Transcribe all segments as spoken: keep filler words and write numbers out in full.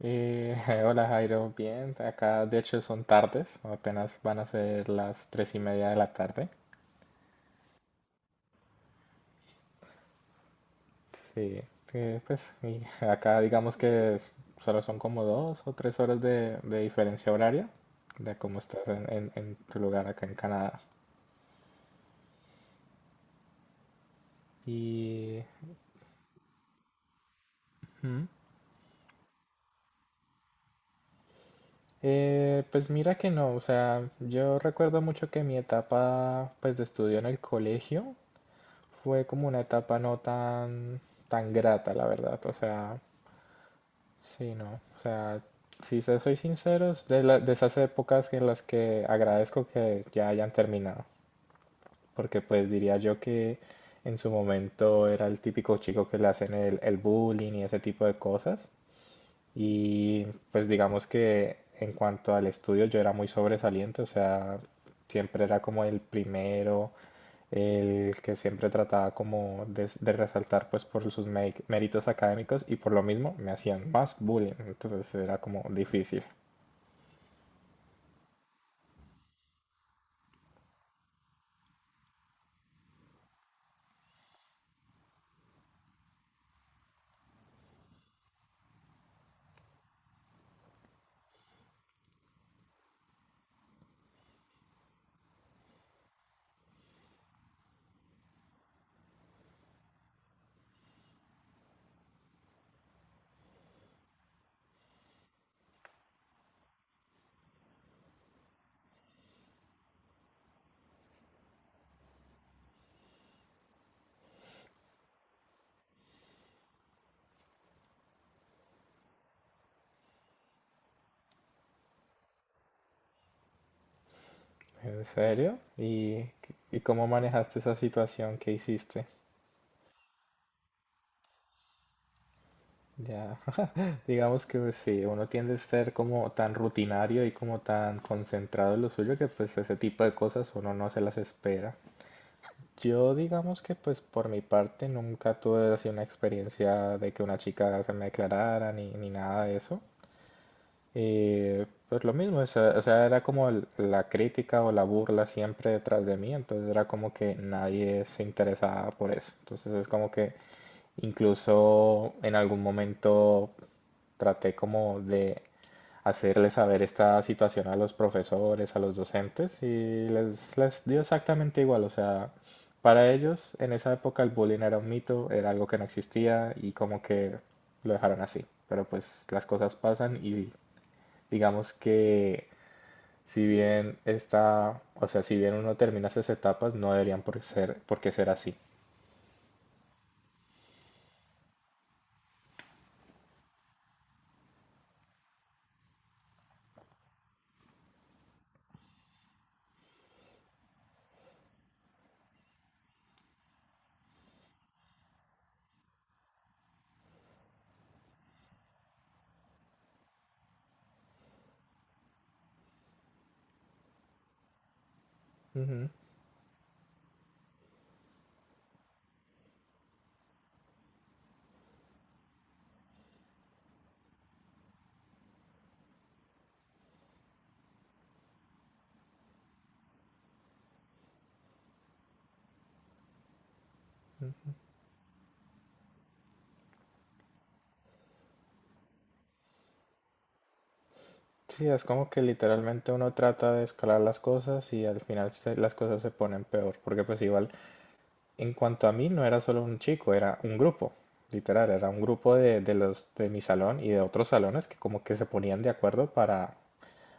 Eh, hola Jairo, bien, acá de hecho son tardes, apenas van a ser las tres y media de la tarde. Sí, eh, pues y acá digamos que es- solo son como dos o tres horas de, de diferencia horaria de cómo estás en, en- en tu lugar acá en Canadá. Y mm, eh, pues mira que no, o sea, yo recuerdo mucho que mi etapa pues de estudio en el colegio fue como una etapa no tan, tan grata, la verdad, o sea... Sí, no. O sea, si se soy sincero, es de, la- de esas épocas en las que agradezco que ya hayan terminado. Porque pues diría yo que en su momento era el típico chico que le hacen el, el bullying y ese tipo de cosas. Y pues digamos que en cuanto al estudio yo era muy sobresaliente, o sea, siempre era como el primero, el que siempre trataba como de, de resaltar pues por sus mé- méritos académicos y por lo mismo me hacían más bullying, entonces era como difícil. ¿En serio? ¿Y, y cómo manejaste esa situación que hiciste? Ya, digamos que pues, sí, uno tiende a ser como tan rutinario y como tan concentrado en lo suyo que pues ese tipo de cosas uno no se las espera. Yo digamos que pues por mi parte nunca tuve así una experiencia de que una chica se me declarara ni, ni nada de eso. Y pues lo mismo, o o sea, era como el- la crítica o la burla siempre detrás de mí, entonces era como que nadie se interesaba por eso. Entonces es como que incluso en algún momento traté como de hacerle saber esta situación a los profesores, a los docentes, y les, les dio exactamente igual, o sea, para ellos en esa época el bullying era un mito, era algo que no existía y como que lo dejaron así. Pero pues las cosas pasan y digamos que si bien está, o sea, si bien uno termina esas etapas, no deberían por ser, por qué ser así. Ujú. Sí, es como que literalmente uno trata de escalar las cosas y al final se- las cosas se ponen peor, porque pues igual, en cuanto a mí, no era solo un chico, era un grupo, literal, era un grupo de, de los de mi salón y de otros salones que como que se ponían de acuerdo para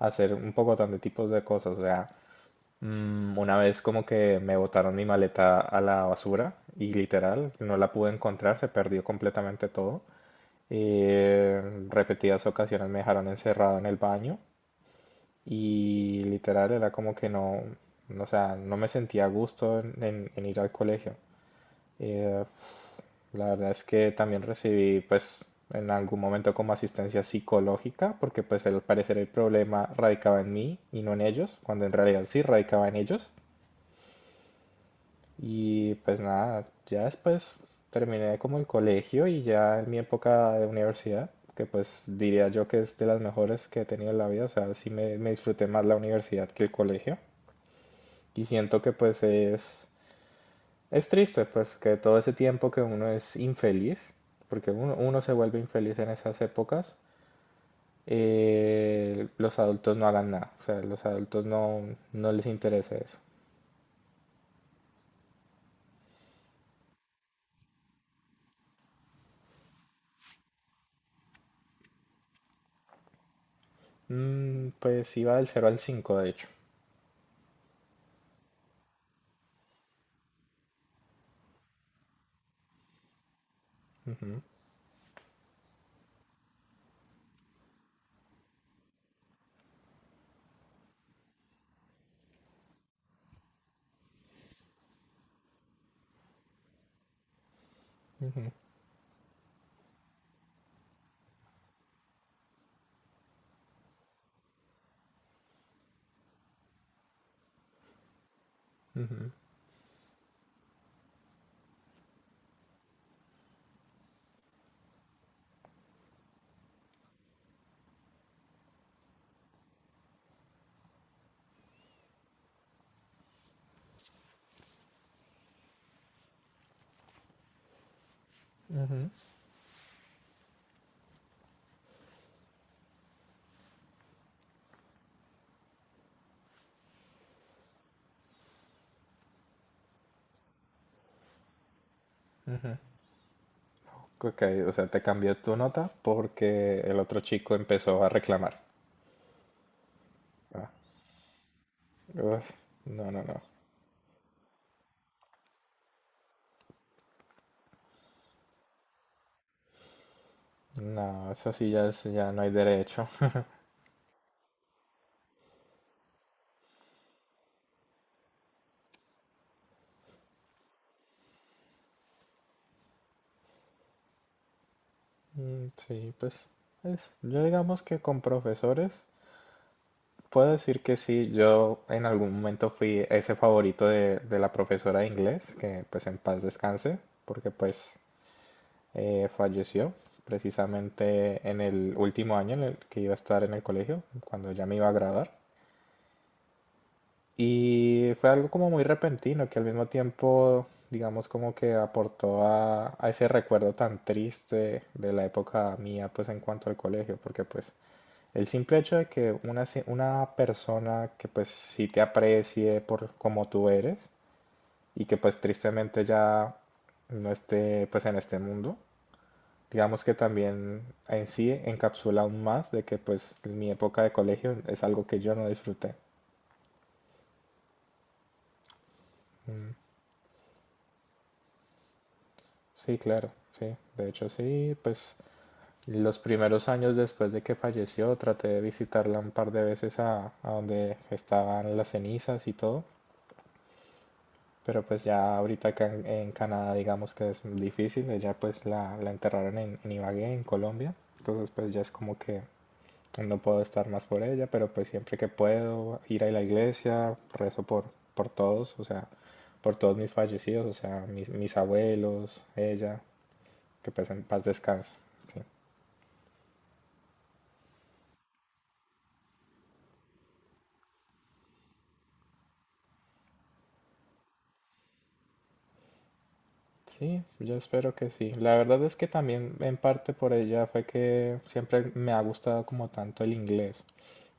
hacer un poco de tipos de cosas, o sea, Mm, Una vez como que me botaron mi maleta a la basura y literal no la pude encontrar, se perdió completamente todo. Eh, Repetidas ocasiones me dejaron encerrado en el baño y literal era como que no, no, o sea, no me sentía a gusto en, en- en ir al colegio. Eh, la verdad es que también recibí pues en algún momento como asistencia psicológica porque pues al parecer el problema radicaba en mí y no en ellos, cuando en realidad sí radicaba en ellos. Y pues nada, ya después terminé como el colegio y ya en mi época de universidad, que pues diría yo que es de las mejores que he tenido en la vida, o sea, sí me, me disfruté más la universidad que el colegio. Y siento que pues es, es triste, pues que todo ese tiempo que uno es infeliz, porque uno, uno se vuelve infeliz en esas épocas, eh, los adultos no hagan nada, o sea, los adultos no, no les interesa eso. Mm, pues iba del cero al cinco de hecho. Ujú, ujú. Ujú, ujú, ujú. Ok, o sea, te cambió tu nota porque el otro chico empezó a reclamar. Ah, uf, no, no, no. No, eso sí ya es- ya no hay derecho. Mm, Sí, pues es- yo digamos que con profesores puedo decir que sí, yo en algún momento fui ese favorito de, de la profesora de inglés, que pues en paz descanse, porque pues eh, falleció precisamente en el último año en el que iba a estar en el colegio, cuando ya me iba a graduar. Y fue algo como muy repentino que al mismo tiempo, digamos, como que aportó a, a ese recuerdo tan triste de la época mía, pues en cuanto al colegio, porque pues el simple hecho de que una, si- una persona que pues sí te aprecie por como tú eres y que pues tristemente ya no esté pues en este mundo, digamos que también en sí encapsula aún más de que pues mi época de colegio es algo que yo no disfruté. Mm. Sí, claro, sí. De hecho, sí, pues los primeros años después de que falleció traté de visitarla un par de veces a, a donde estaban las cenizas y todo, pero pues ya ahorita acá en, en Canadá digamos que es difícil, ella pues la, la enterraron en, en Ibagué, en Colombia, entonces pues ya es como que no puedo estar más por ella, pero pues siempre que puedo ir a la iglesia, rezo por, por todos, o sea, por todos mis fallecidos, o sea, mis, mis abuelos, ella, que pues en paz descanse. Sí. Sí, yo espero que sí. La verdad es que también en parte por ella fue que siempre me ha gustado como tanto el inglés.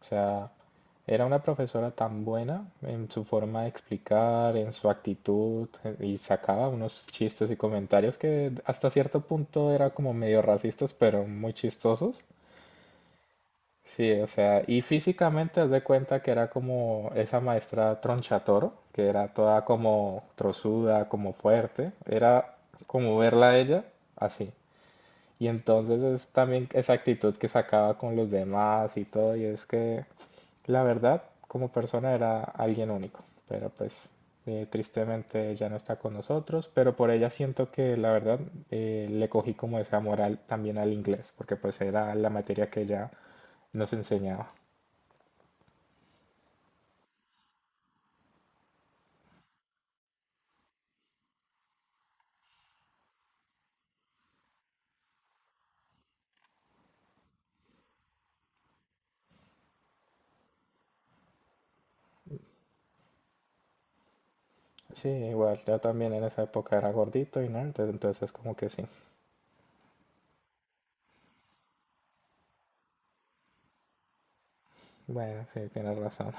O sea, era una profesora tan buena en su forma de explicar, en su actitud, eh, y sacaba unos chistes y comentarios que hasta cierto punto era como medio racistas, pero muy chistosos. Sí, o sea, y físicamente haz de cuenta que era como esa maestra Tronchatoro, que era toda como trozuda, como fuerte, era como verla a ella así. Y entonces es también esa actitud que sacaba con los demás y todo, y es que la verdad, como persona era alguien único, pero pues eh, tristemente ya no está con nosotros, pero por ella siento que la verdad eh, le cogí como ese amor al- también al inglés, porque pues era la materia que ella nos enseñaba. Sí, igual, yo también en esa época era gordito y nerd, entonces como que sí. Bueno, sí, tienes razón.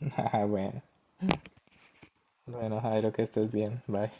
Ah, bueno, bueno, Jairo, que estés bien. Bye.